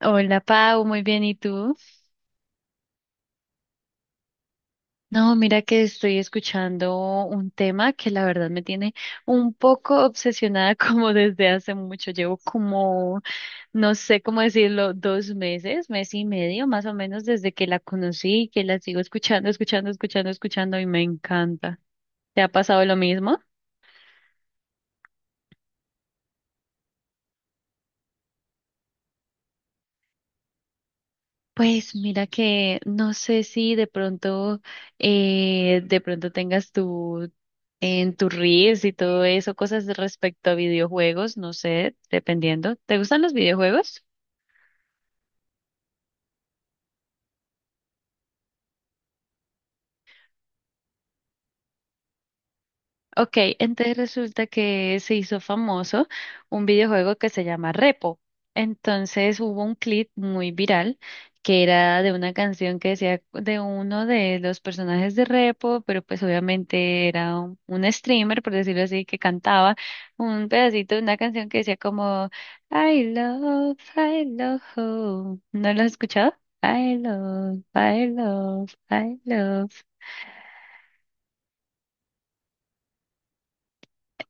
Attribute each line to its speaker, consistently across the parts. Speaker 1: Hola Pau, muy bien, ¿y tú? No, mira que estoy escuchando un tema que la verdad me tiene un poco obsesionada como desde hace mucho. Llevo como, no sé cómo decirlo, dos meses, mes y medio más o menos desde que la conocí, que la sigo escuchando, escuchando, escuchando, escuchando y me encanta. ¿Te ha pasado lo mismo? Pues mira que no sé si de pronto, de pronto tengas tu en tus reels y todo eso, cosas de respecto a videojuegos, no sé, dependiendo. ¿Te gustan los videojuegos? Ok, entonces resulta que se hizo famoso un videojuego que se llama Repo. Entonces hubo un clip muy viral que era de una canción que decía de uno de los personajes de Repo, pero pues obviamente era un streamer, por decirlo así, que cantaba un pedacito de una canción que decía como I love home. ¿No lo has escuchado? I love, I love, I love.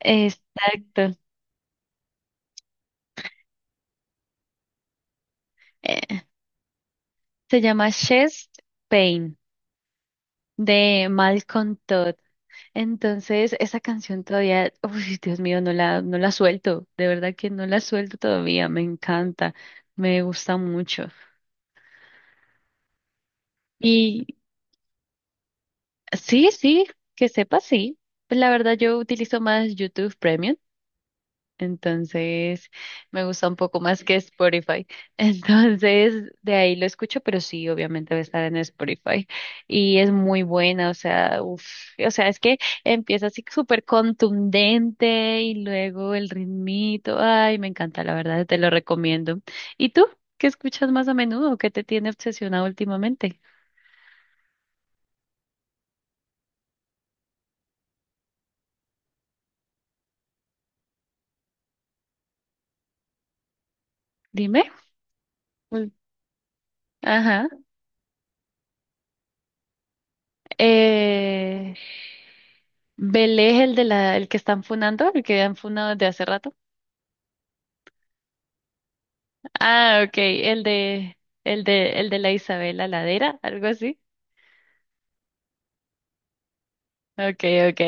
Speaker 1: Exacto. Se llama Chest Pain de Malcolm Todd. Entonces, esa canción todavía, uy, Dios mío, no la suelto. De verdad que no la suelto todavía. Me encanta, me gusta mucho. Y sí, sí, que sepa, sí. Pues la verdad, yo utilizo más YouTube Premium. Entonces, me gusta un poco más que Spotify. Entonces, de ahí lo escucho, pero sí, obviamente va a estar en Spotify. Y es muy buena, o sea, uf, o sea, es que empieza así súper contundente y luego el ritmito. Ay, me encanta, la verdad, te lo recomiendo. ¿Y tú? ¿Qué escuchas más a menudo? ¿Qué te tiene obsesionado últimamente? Dime. Ul- ajá. Eh... Belé, el que están funando, el que han funado desde hace rato. Ah, ok, el de la Isabel Ladera, algo así. Ok, ok,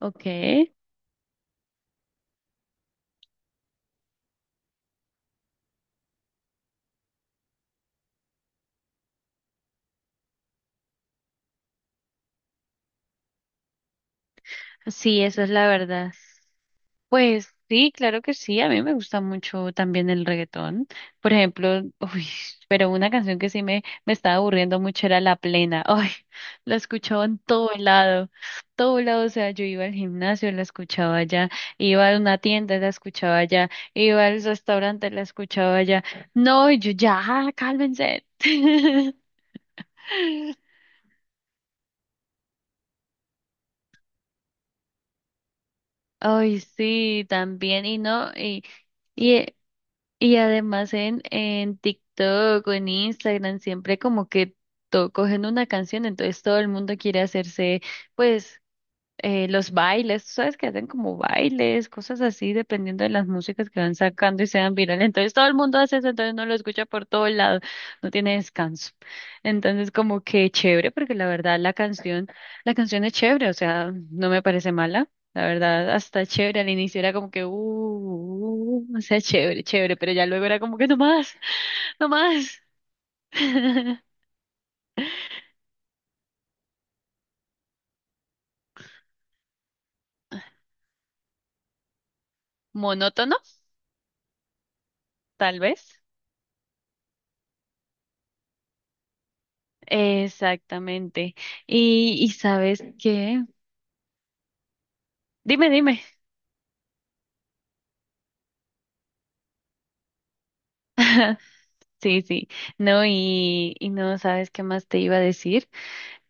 Speaker 1: ok. Sí, eso es la verdad. Pues sí, claro que sí, a mí me gusta mucho también el reggaetón. Por ejemplo, uy, pero una canción que sí me estaba aburriendo mucho era La Plena. Ay, la escuchaba en todo lado, o sea, yo iba al gimnasio, la escuchaba allá, iba a una tienda, la escuchaba allá, iba al restaurante, la escuchaba allá. No, y yo ya, "Ah, cálmense". Ay, sí, también, y no, y eh, y además en TikTok o en Instagram siempre como que to- cogen una canción, entonces todo el mundo quiere hacerse pues los bailes, tú sabes que hacen como bailes, cosas así, dependiendo de las músicas que van sacando y sean virales. Entonces todo el mundo hace eso, entonces uno lo escucha por todo lado, no tiene descanso. Entonces como que chévere, porque la verdad la canción es chévere, o sea, no me parece mala. La verdad, hasta chévere, al inicio era como que, o sea, chévere, chévere, pero ya luego era como que no más, no más. Monótono, tal vez. Exactamente. Y ¿sabes qué? Dime, dime. Sí, sí. No, y no sabes qué más te iba a decir.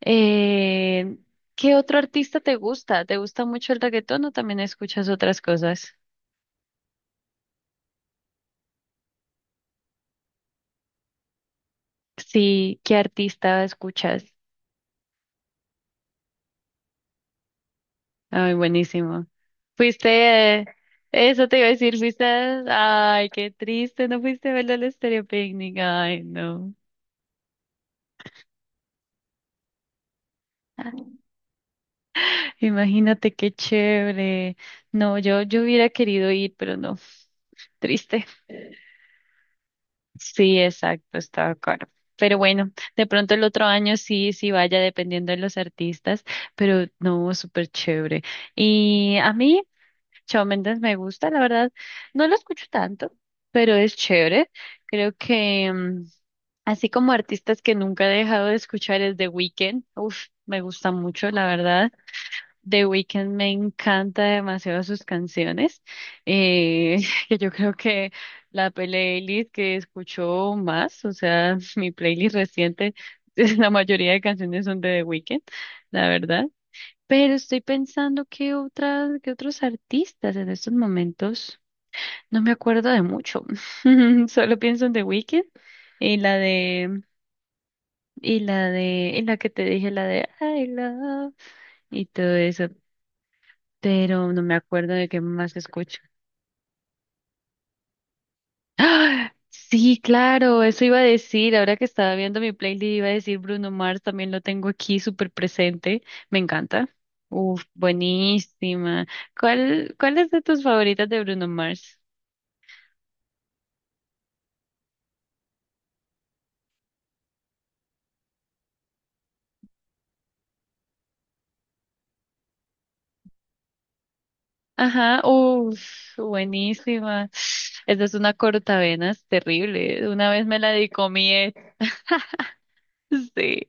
Speaker 1: Eh, ¿Qué otro artista te gusta? ¿Te gusta mucho el reggaetón o también escuchas otras cosas? Sí, ¿qué artista escuchas? Ay, buenísimo. Fuiste, eh, eso te iba a decir, fuiste, a- ay, qué triste, no fuiste a verlo al Estéreo Picnic. Ay, no. Imagínate qué chévere. No, yo hubiera querido ir, pero no, triste. Sí, exacto, estaba caro. Pero bueno, de pronto el otro año sí, sí vaya dependiendo de los artistas, pero no, súper chévere. Y a mí, Shawn Mendes me gusta, la verdad, no lo escucho tanto, pero es chévere. Creo que mm, así como artistas que nunca he dejado de escuchar es The Weeknd, uf, me gusta mucho, la verdad. The Weeknd me encanta demasiado sus canciones, eh, que yo creo que la playlist que escucho más, o sea, mi playlist reciente, la mayoría de canciones son de The Weeknd, la verdad. Pero estoy pensando que otras, que otros artistas en estos momentos no me acuerdo de mucho. Solo pienso en The Weeknd y la de y la que te dije, la de I Love y todo eso. Pero no me acuerdo de qué más escucho. ¡Ah! Sí, claro, eso iba a decir, ahora que estaba viendo mi playlist iba a decir Bruno Mars, también lo tengo aquí súper presente, me encanta. Uf, buenísima. ¿Cuál, cuál es de tus favoritas de Bruno Mars? Ajá, uff buenísima. Esa es una cortavenas terrible, una vez me la dicomí, sí.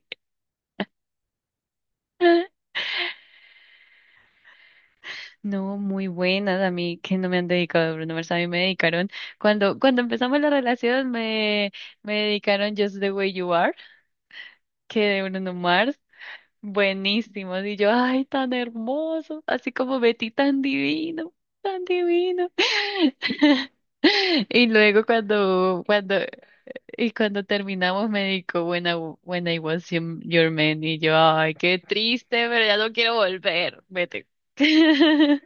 Speaker 1: No, muy buenas a mí que no me han dedicado Bruno Mars, a mí me dedicaron cuando empezamos la relación me dedicaron Just the Way You Are que de Bruno Mars, buenísimos y yo ay tan hermoso, así como Betty tan divino, tan divino. Y luego cuando terminamos me dedicó When I Was Your Man y yo ay qué triste, pero ya no quiero volver, vete.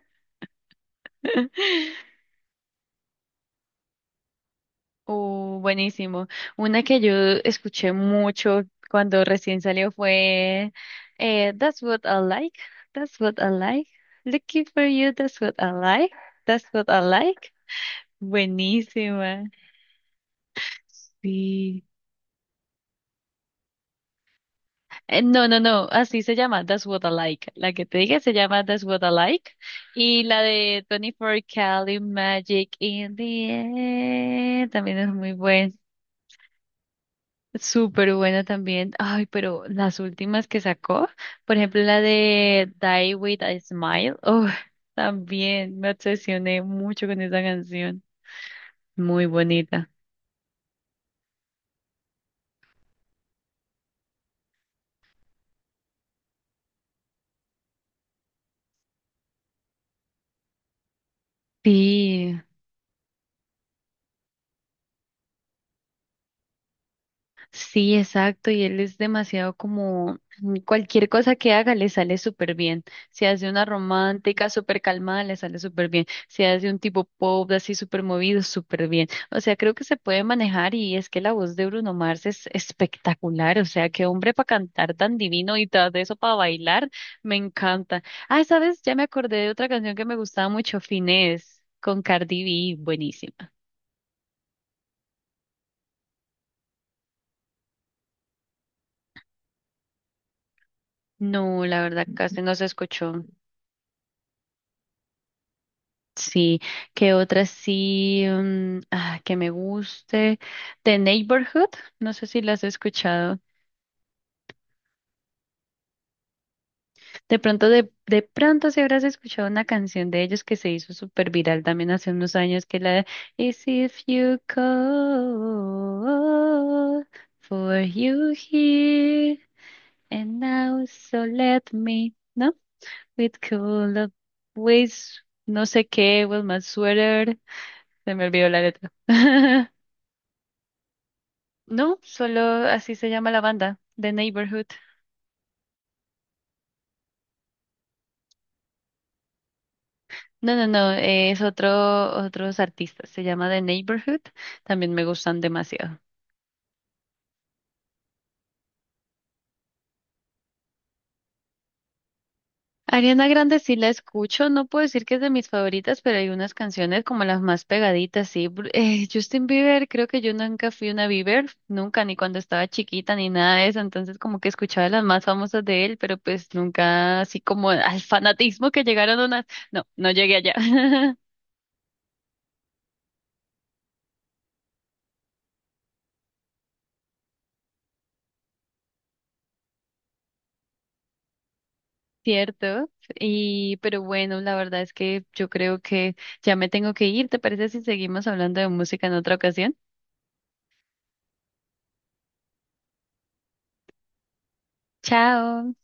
Speaker 1: Buenísimo. Una que yo escuché mucho cuando recién salió fue That's what I like, that's what I like, looking for you, that's what I like, that's what I like. Buenísima. Sí. No, no, no, así se llama That's what I like. La que te dije se llama That's what I like. Y la de 24 Cali Magic in the Air también es muy buena. Súper buena también. Ay, pero las últimas que sacó, por ejemplo, la de Die With a Smile, oh, también me obsesioné mucho con esa canción. Muy bonita. Sí. Sí, exacto, y él es demasiado como mm, cualquier cosa que haga le sale súper bien. Si hace una romántica súper calmada, le sale súper bien. Si hace un tipo pop así súper movido, súper bien. O sea, creo que se puede manejar y es que la voz de Bruno Mars es espectacular. O sea, qué hombre para cantar tan divino y tras de eso para bailar, me encanta. Ah, ¿sabes? Ya me acordé de otra canción que me gustaba mucho, Finesse, con Cardi B, buenísima. No, la verdad casi no se escuchó. Sí, que otra sí mm, ah, que me guste. The Neighborhood, no sé si la has escuchado. De pronto, de pronto si habrás escuchado una canción de ellos que se hizo súper viral también hace unos años, que la de Is if you call for you here and now so let me, ¿no? With cool ways, no sé qué, with my sweater. Se me olvidó la letra. No, solo así se llama la banda, The Neighborhood. No, no, no, es otros artistas, se llama The Neighborhood, también me gustan demasiado. Ariana Grande sí la escucho, no puedo decir que es de mis favoritas, pero hay unas canciones como las más pegaditas, sí. Bru- Justin Bieber, creo que yo nunca fui una Bieber, nunca, ni cuando estaba chiquita, ni nada de eso, entonces como que escuchaba las más famosas de él, pero pues nunca así como al fanatismo que llegaron unas, no, no llegué allá. Cierto, y pero bueno, la verdad es que yo creo que ya me tengo que ir. ¿Te parece si seguimos hablando de música en otra ocasión? Chao.